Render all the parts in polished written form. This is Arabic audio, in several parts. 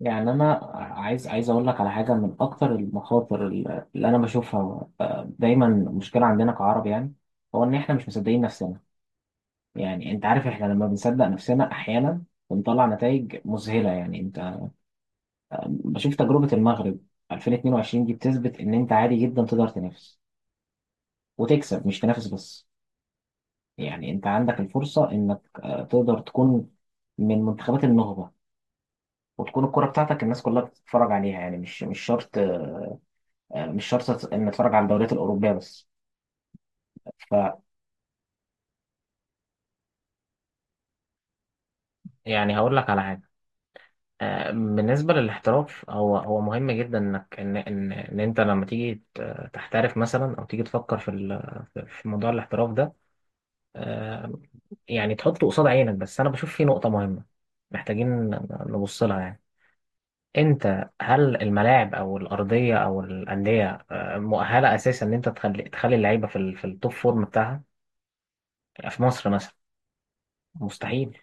يعني انا عايز اقول لك على حاجه من اكتر المخاطر اللي انا بشوفها دايما مشكله عندنا كعرب. يعني هو ان احنا مش مصدقين نفسنا. يعني انت عارف احنا لما بنصدق نفسنا احيانا بنطلع نتائج مذهله. يعني انت بشوف تجربه المغرب 2022 دي بتثبت ان انت عادي جدا تقدر تنافس وتكسب، مش تنافس بس. يعني انت عندك الفرصه انك تقدر تكون من منتخبات النخبه، وتكون الكرة بتاعتك الناس كلها بتتفرج عليها. يعني مش شرط، مش شرط ان اتفرج على الدوريات الاوروبيه بس. ف يعني هقول لك على حاجه. بالنسبه للاحتراف، هو مهم جدا انك ان انت لما تيجي تحترف مثلا، او تيجي تفكر في في موضوع الاحتراف ده، آه، يعني تحطه قصاد عينك. بس انا بشوف في نقطه مهمه محتاجين نبص لها. يعني انت، هل الملاعب او الارضيه او الانديه مؤهله اساسا ان انت تخلي اللعيبه في في التوب فورم بتاعها؟ في مصر مثلا مستحيل.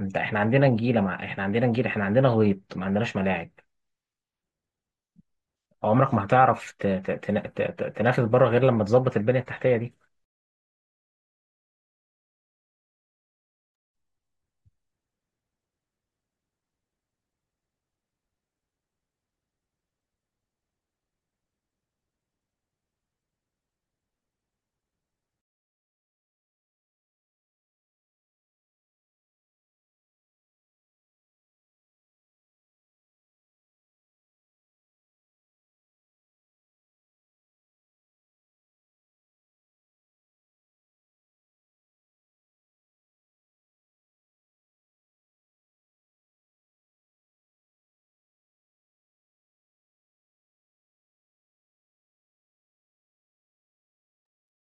انت، احنا عندنا نجيله، مع احنا عندنا نجيله، احنا عندنا غيط، ما عندناش ملاعب. عمرك ما هتعرف ت... ت... تنا- ت... ت... تنافس بره غير لما تظبط البنيه التحتيه دي.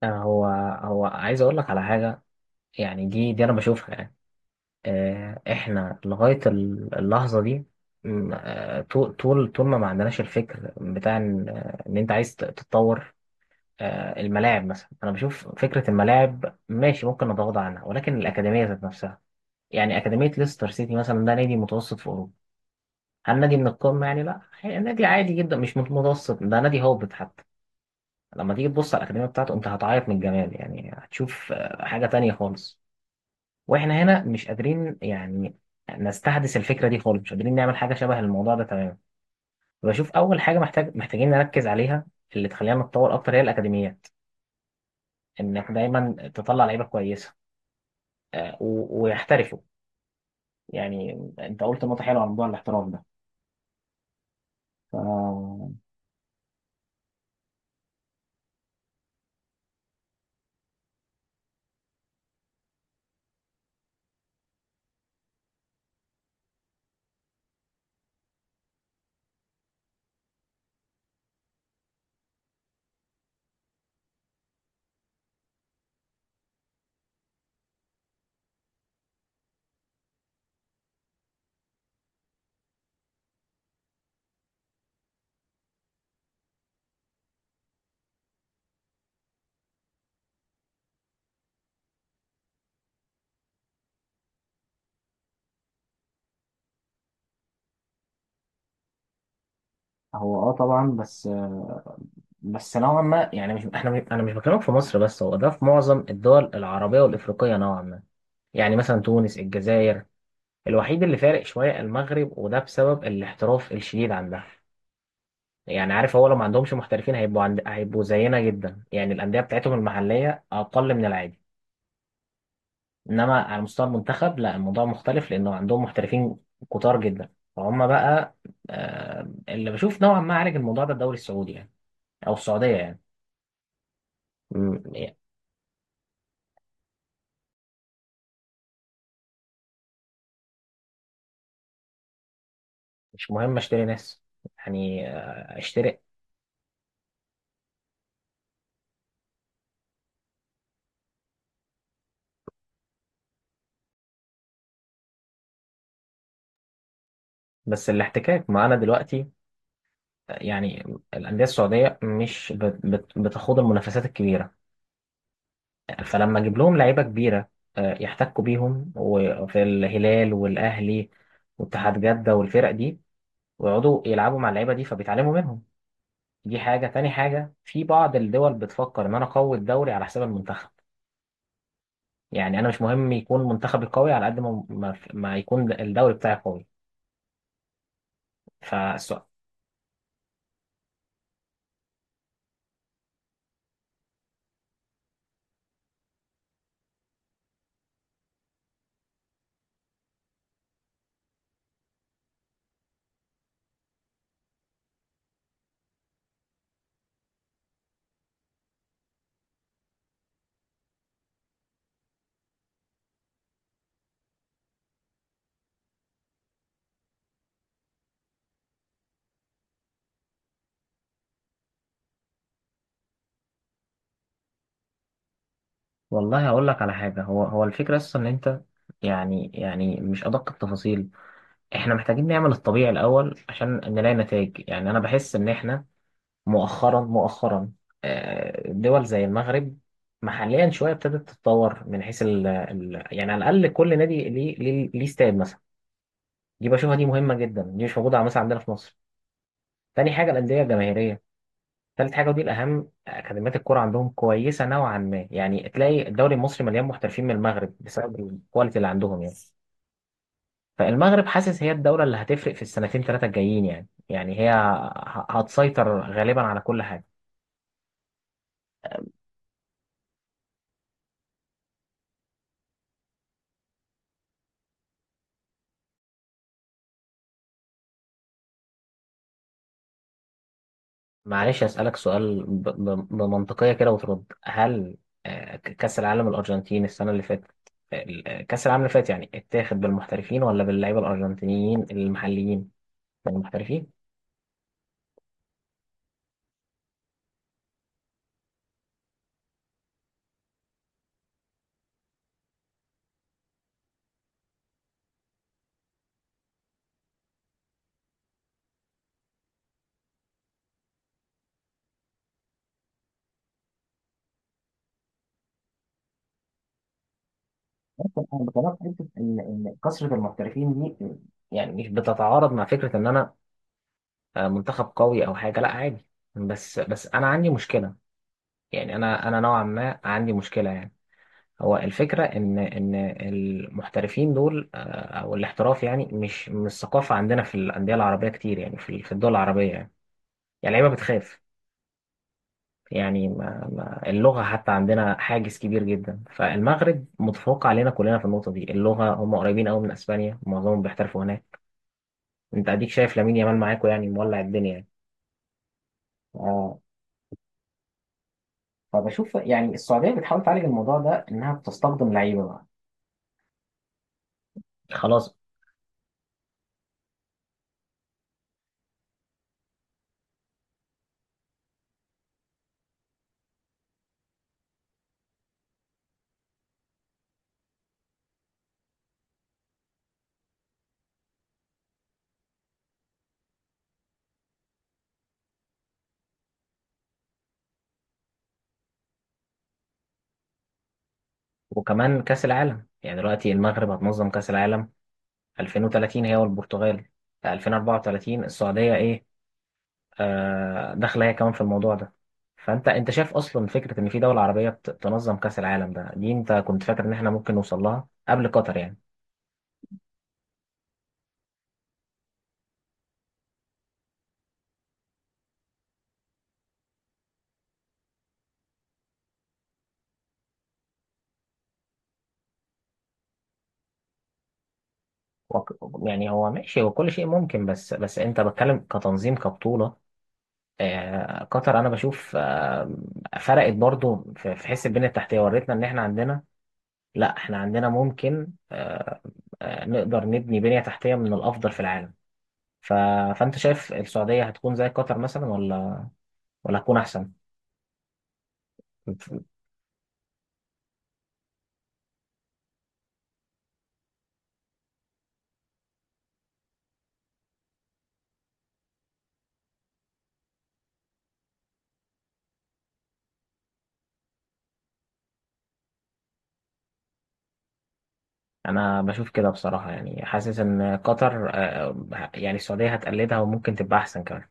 آه، هو هو عايز اقول لك على حاجه يعني، دي انا بشوفها. يعني احنا لغايه اللحظه دي، طول ما عندناش الفكر بتاع ان إن انت عايز تتطور. الملاعب مثلا، انا بشوف فكره الملاعب ماشي، ممكن نتغاضى عنها، ولكن الاكاديميه ذات نفسها. يعني أكاديمية ليستر سيتي مثلا، ده نادي متوسط في أوروبا. هل نادي من القمة يعني؟ لا، هي نادي عادي جدا، مش مت- متوسط، ده نادي هابط حتى. لما تيجي تبص على الأكاديمية بتاعته، أنت هتعيط من الجمال. يعني هتشوف حاجة تانية خالص. وإحنا هنا مش قادرين يعني نستحدث الفكرة دي خالص، مش قادرين نعمل حاجة شبه الموضوع ده تماما. بشوف أول حاجة محتاجين نركز عليها، اللي تخلينا نتطور أكتر، هي الأكاديميات. إنك دايما تطلع لعيبة كويسة، ويحترفوا يعني. أنت قلت نقطة حلوة عن موضوع الاحتراف ده. هو اه طبعا، بس بس نوعا ما يعني. مش احنا مش- انا مش بكلمك في مصر بس، هو ده في معظم الدول العربيه والافريقيه نوعا ما. يعني مثلا تونس، الجزائر. الوحيد اللي فارق شويه المغرب، وده بسبب الاحتراف الشديد عندها. يعني عارف، هو لو ما عندهمش محترفين هيبقوا زينا جدا. يعني الانديه بتاعتهم المحليه اقل من العادي، انما على مستوى المنتخب لا، الموضوع مختلف لانه عندهم محترفين كتار جدا. فهم بقى اللي بشوف نوعا ما عالج الموضوع ده الدوري السعودي يعني، او السعوديه يعني. مم، يعني مش مهم اشتري ناس. يعني اشتري. بس الاحتكاك معانا دلوقتي، يعني الانديه السعوديه مش بتخوض المنافسات الكبيره. فلما اجيب لهم لعيبه كبيره يحتكوا بيهم، وفي الهلال والاهلي واتحاد جده والفرق دي، ويقعدوا يلعبوا مع اللعيبه دي فبيتعلموا منهم. دي حاجه. تاني حاجه، في بعض الدول بتفكر ان انا اقوي الدوري على حساب المنتخب. يعني انا مش مهم يكون منتخبي قوي على قد ما ما يكون الدوري بتاعي قوي. والله هقول لك على حاجة، هو الفكرة أصلا إن أنت، يعني مش أدق التفاصيل، إحنا محتاجين نعمل الطبيعي الأول عشان نلاقي نتائج. يعني أنا بحس إن إحنا مؤخرا، دول زي المغرب محليا شوية ابتدت تتطور، من حيث ال يعني على الأقل كل نادي ليه ليه استاد مثلا. دي بشوفها دي مهمة جدا، دي مش موجودة مثلا عندنا في مصر. تاني حاجة الأندية الجماهيرية. تالت حاجة ودي الأهم، أكاديميات الكرة عندهم كويسة نوعا ما. يعني تلاقي الدوري المصري مليان محترفين من المغرب بسبب الكواليتي اللي عندهم. يعني فالمغرب حاسس هي الدولة اللي هتفرق في السنتين ثلاثة الجايين. يعني هي هتسيطر غالبا على كل حاجة. معلش أسألك سؤال بمنطقية كده وترد. هل كأس العالم الأرجنتين السنة اللي فاتت، كأس العالم اللي فات يعني، اتاخد بالمحترفين ولا باللعيبة الأرجنتينيين المحليين؟ بالمحترفين. بس انا بكلمك في حته ان إن كثره المحترفين دي يعني مش بتتعارض مع فكره ان انا منتخب قوي او حاجه، لا عادي. بس انا عندي مشكله. يعني انا نوعا ما عندي مشكله يعني. هو الفكره ان المحترفين دول او الاحتراف، يعني مش ثقافه عندنا في الانديه العربيه كتير، يعني في الدول العربيه. يعني يعني اللعيبه بتخاف. يعني ما اللغه حتى عندنا حاجز كبير جدا. فالمغرب متفوق علينا كلنا في النقطه دي، اللغه، هم قريبين قوي من اسبانيا، معظمهم بيحترفوا هناك. انت اديك شايف لامين يامال معاكو، يعني مولع الدنيا يعني. اه. فبشوف يعني السعوديه بتحاول تعالج الموضوع ده، انها بتستخدم لعيبه بقى. خلاص. وكمان كاس العالم يعني، دلوقتي المغرب هتنظم كاس العالم 2030 هي والبرتغال، 2034 السعوديه، ايه آه داخله هي كمان في الموضوع ده. فانت شايف اصلا فكره ان في دوله عربيه تنظم كاس العالم ده؟ دي انت كنت فاكر ان احنا ممكن نوصل لها قبل قطر يعني؟ وك- يعني هو ماشي، هو كل شيء ممكن، بس انت بتكلم كتنظيم كبطوله. قطر انا بشوف فرقت برضو في حس البنيه التحتيه، وريتنا ان احنا عندنا، لا احنا عندنا ممكن، نقدر نبني بنيه تحتيه من الافضل في العالم. ف... فانت شايف السعوديه هتكون زي قطر مثلا، ولا ولا هتكون احسن؟ انا بشوف كده بصراحه، يعني حاسس ان قطر يعني السعوديه هتقلدها وممكن تبقى احسن كمان.